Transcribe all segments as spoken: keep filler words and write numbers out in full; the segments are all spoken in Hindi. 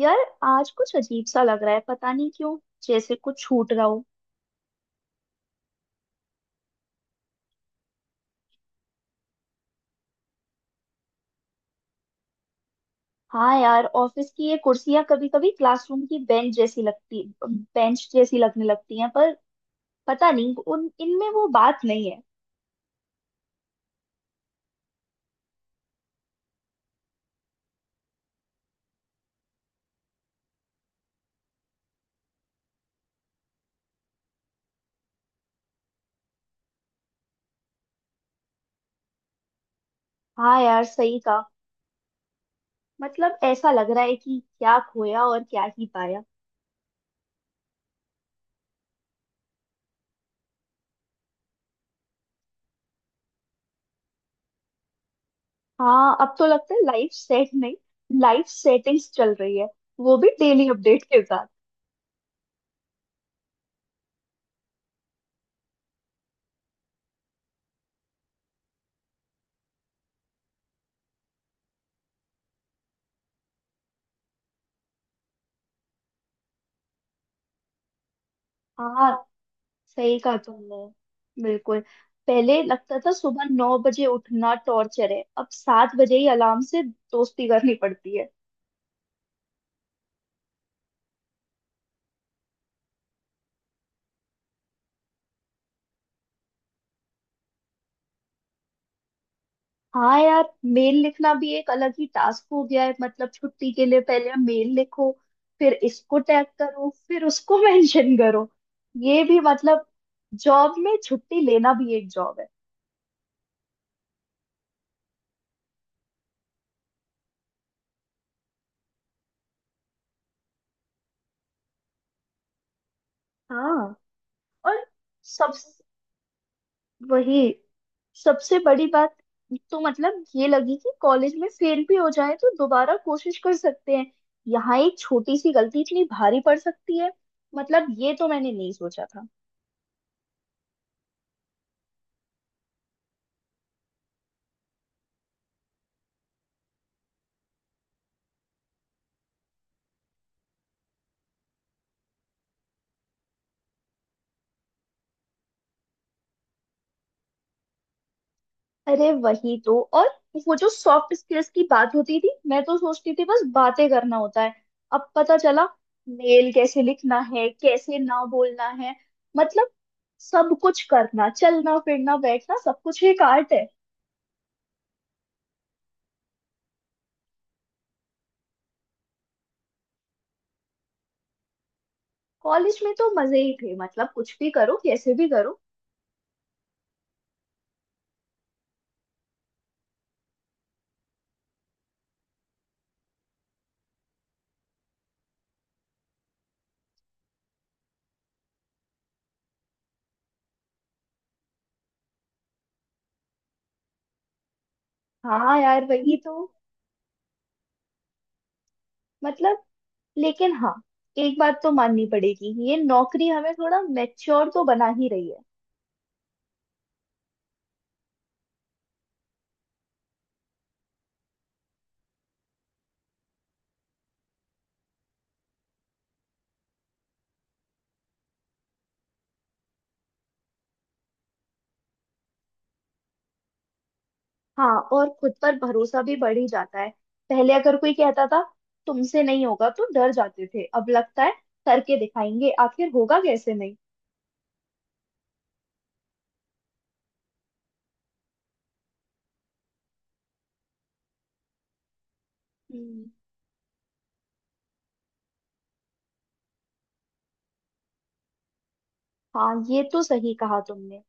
यार, आज कुछ अजीब सा लग रहा है। पता नहीं क्यों। जैसे कुछ छूट रहा हो। हाँ यार, ऑफिस की ये कुर्सियां कभी कभी क्लासरूम की बेंच जैसी लगती बेंच जैसी लगने लगती हैं। पर पता नहीं, उन इनमें वो बात नहीं है। हाँ यार, सही कहा। मतलब ऐसा लग रहा है कि क्या खोया और क्या ही पाया। हाँ, अब तो लगता है लाइफ सेट नहीं, लाइफ सेटिंग्स चल रही है, वो भी डेली अपडेट के साथ। हाँ सही कहा तुमने। बिल्कुल। पहले लगता था सुबह नौ बजे उठना टॉर्चर है, अब सात बजे ही अलार्म से दोस्ती करनी पड़ती है। हाँ यार, मेल लिखना भी एक अलग ही टास्क हो गया है। मतलब छुट्टी के लिए पहले मेल लिखो, फिर इसको टैग करो, फिर उसको मेंशन करो। ये भी मतलब, जॉब में छुट्टी लेना भी एक जॉब है। हाँ। और सब वही। सबसे बड़ी बात तो मतलब ये लगी कि कॉलेज में फेल भी हो जाए तो दोबारा कोशिश कर सकते हैं। यहाँ एक छोटी सी गलती इतनी भारी पड़ सकती है। मतलब ये तो मैंने नहीं सोचा था। अरे, वही तो। और वो जो सॉफ्ट स्किल्स की बात होती थी, मैं तो सोचती थी बस बातें करना होता है। अब पता चला मेल कैसे लिखना है, कैसे ना बोलना है। मतलब सब कुछ, करना चलना फिरना बैठना, सब कुछ एक आर्ट है। कॉलेज में तो मजे ही थे, मतलब कुछ भी करो, कैसे भी करो। हाँ यार वही तो। मतलब, लेकिन हाँ, एक बात तो माननी पड़ेगी, ये नौकरी हमें थोड़ा मैच्योर तो बना ही रही है। हाँ, और खुद पर भरोसा भी बढ़ ही जाता है। पहले अगर कोई कहता था तुमसे नहीं होगा तो डर जाते थे, अब लगता है करके दिखाएंगे, आखिर होगा कैसे नहीं। हम्म। हाँ, ये तो सही कहा तुमने।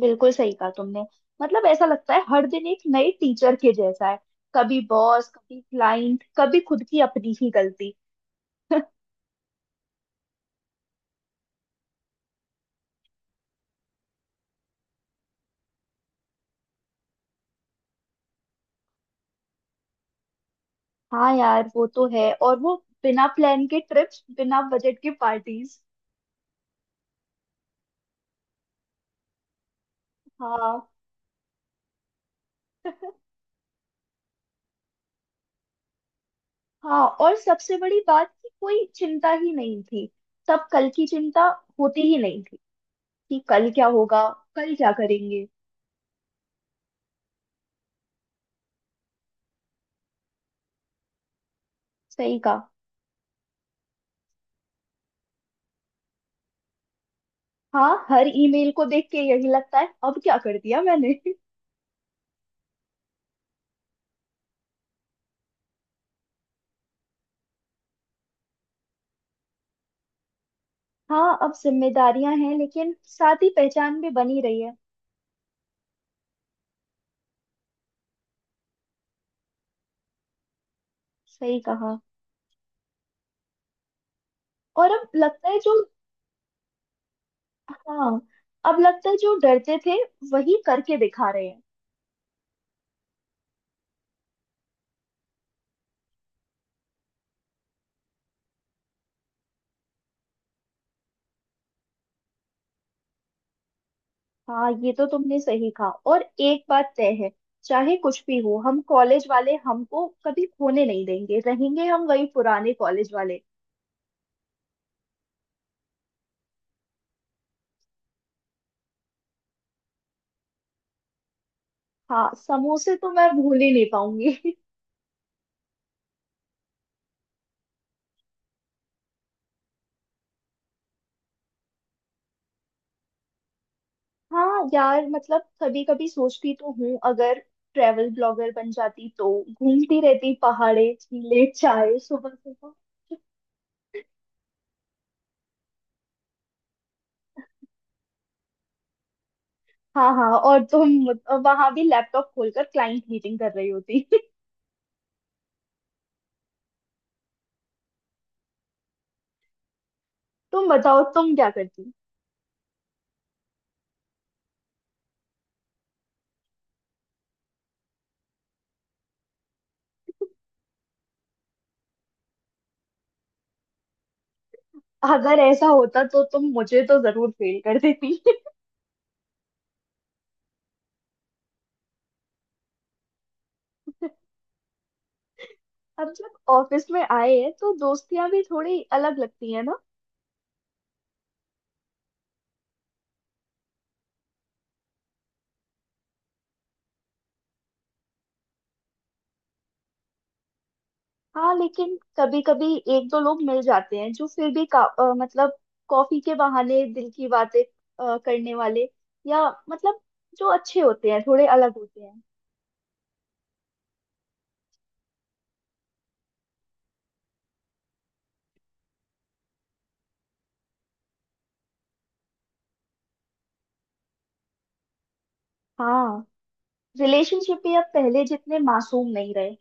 बिल्कुल सही कहा तुमने। मतलब ऐसा लगता है हर दिन एक नए टीचर के जैसा है। कभी बॉस, कभी क्लाइंट, कभी खुद की अपनी ही गलती। हाँ यार वो तो है। और वो बिना प्लान के ट्रिप्स, बिना बजट के पार्टीज। हाँ। हाँ, और सबसे बड़ी बात कि कोई चिंता ही नहीं थी। तब कल की चिंता होती ही नहीं थी कि कल क्या होगा, कल क्या करेंगे। सही कहा। हाँ, हर ईमेल को देख के यही लगता है अब क्या कर दिया मैंने। हाँ, अब जिम्मेदारियां हैं लेकिन साथ ही पहचान भी बनी रही है। सही कहा। और अब लगता है जो हाँ, अब लगता है जो डरते थे वही करके दिखा रहे हैं। हाँ, ये तो तुमने सही कहा, और एक बात तय है, चाहे कुछ भी हो हम कॉलेज वाले, हमको कभी खोने नहीं देंगे, रहेंगे हम वही पुराने कॉलेज वाले। हाँ, समोसे तो मैं भूल ही नहीं पाऊंगी। हाँ यार, मतलब कभी कभी सोचती तो हूँ, अगर ट्रेवल ब्लॉगर बन जाती तो घूमती रहती, पहाड़े झीले चाय सुबह सुबह। हाँ हाँ, और तुम वहां भी लैपटॉप खोलकर क्लाइंट मीटिंग कर रही होती। तुम बताओ, तुम क्या करती। अगर ऐसा होता तो तुम मुझे तो जरूर फेल कर देती। अब जब ऑफिस में आए हैं तो दोस्तियां भी थोड़ी अलग लगती है ना। हाँ, लेकिन कभी कभी एक दो लोग मिल जाते हैं जो फिर भी का, अ, मतलब, कॉफी के बहाने दिल की बातें अ, करने वाले, या मतलब, जो अच्छे होते हैं थोड़े अलग होते हैं। हाँ, रिलेशनशिप भी अब पहले जितने मासूम नहीं रहे।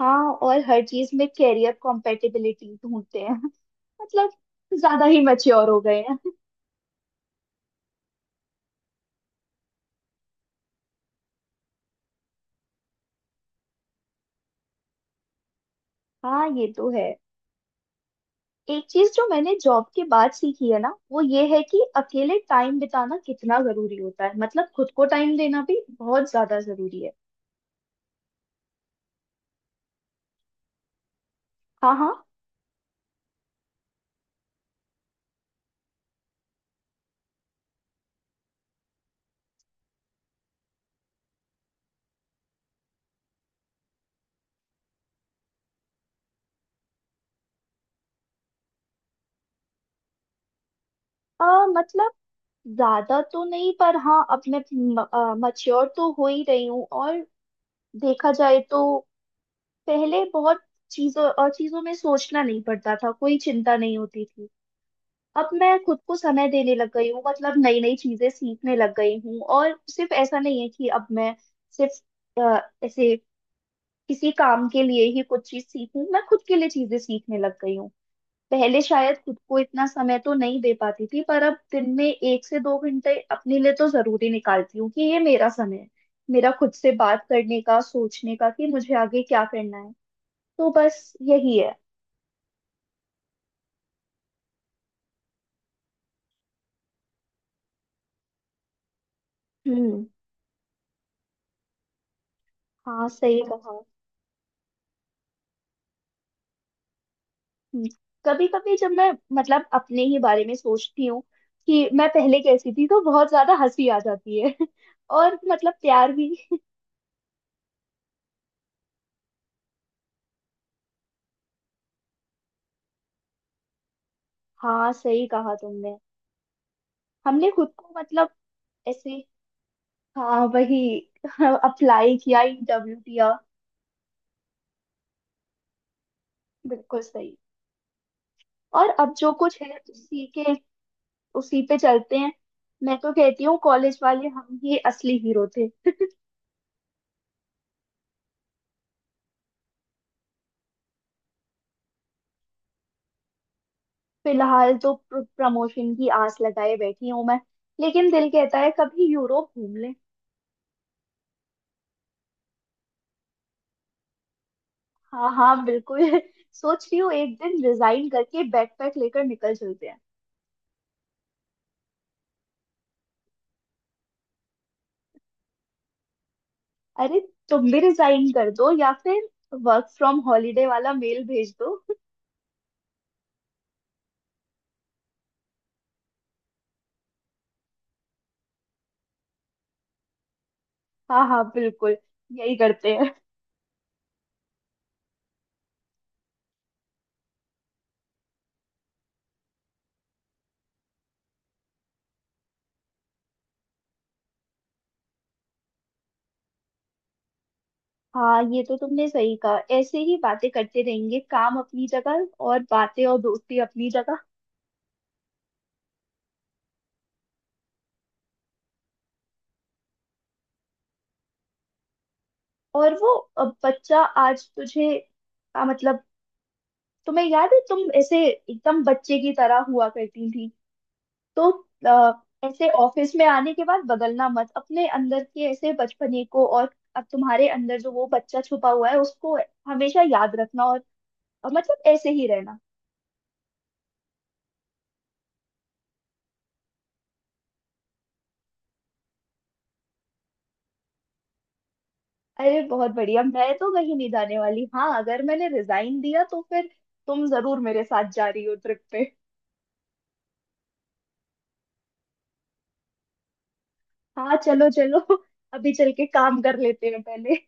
हाँ, और हर चीज में कैरियर कॉम्पेटिबिलिटी ढूंढते हैं। मतलब ज्यादा ही मैच्योर हो गए हैं। हाँ ये तो है। एक चीज जो मैंने जॉब के बाद सीखी है ना, वो ये है कि अकेले टाइम बिताना कितना जरूरी होता है। मतलब खुद को टाइम देना भी बहुत ज्यादा जरूरी है। हाँ हाँ। अ, मतलब ज्यादा तो नहीं, पर हाँ अब मैं मच्योर तो हो ही रही हूँ। और देखा जाए तो पहले बहुत चीजों और चीजों में सोचना नहीं पड़ता था, कोई चिंता नहीं होती थी। अब मैं खुद को समय देने लग गई हूँ, मतलब नई नई चीजें सीखने लग गई हूँ, और सिर्फ ऐसा नहीं है कि अब मैं सिर्फ अ, ऐसे किसी काम के लिए ही कुछ चीज सीखूं, मैं खुद के लिए चीजें सीखने लग गई हूँ। पहले शायद खुद को इतना समय तो नहीं दे पाती थी, पर अब दिन में एक से दो घंटे अपने लिए तो जरूरी निकालती हूँ कि ये मेरा समय है, मेरा खुद से बात करने का, सोचने का, कि मुझे आगे क्या करना है। तो बस यही है। हम्म। हाँ सही कहा। हम्म। कभी कभी जब मैं, मतलब अपने ही बारे में सोचती हूँ कि मैं पहले कैसी थी, तो बहुत ज्यादा हंसी आ जाती है और मतलब प्यार भी। हाँ सही कहा तुमने। हमने खुद को मतलब ऐसे, हाँ वही, अप्लाई किया, इंटरव्यू दिया। बिल्कुल सही। और अब जो कुछ है उसी के उसी पे चलते हैं। मैं तो कहती हूँ कॉलेज वाले हम ही असली हीरो थे। फिलहाल तो प्रमोशन की आस लगाए बैठी हूँ मैं, लेकिन दिल कहता है कभी यूरोप घूम ले। हाँ हाँ बिल्कुल। सोच रही हूँ एक दिन रिजाइन करके बैकपैक लेकर निकल चलते हैं। अरे, तुम भी रिजाइन कर दो, या फिर वर्क फ्रॉम हॉलीडे वाला मेल भेज दो। हाँ हाँ बिल्कुल, यही करते हैं। हाँ ये तो तुमने सही कहा, ऐसे ही बातें करते रहेंगे, काम अपनी जगह और बातें और दोस्ती अपनी जगह। और वो अ, बच्चा आज तुझे आ, मतलब तुम्हें याद है, तुम ऐसे एकदम बच्चे की तरह हुआ करती थी, तो अ, ऐसे ऑफिस में आने के बाद बदलना मत अपने अंदर के ऐसे बचपने को, और अब तुम्हारे अंदर जो वो बच्चा छुपा हुआ है उसको हमेशा याद रखना, और अ, मतलब ऐसे ही रहना। अरे बहुत बढ़िया, मैं तो कहीं नहीं जाने वाली। हाँ अगर मैंने रिजाइन दिया तो फिर तुम जरूर मेरे साथ जा रही हो ट्रिप पे। हाँ चलो चलो, अभी चल के काम कर लेते हैं पहले।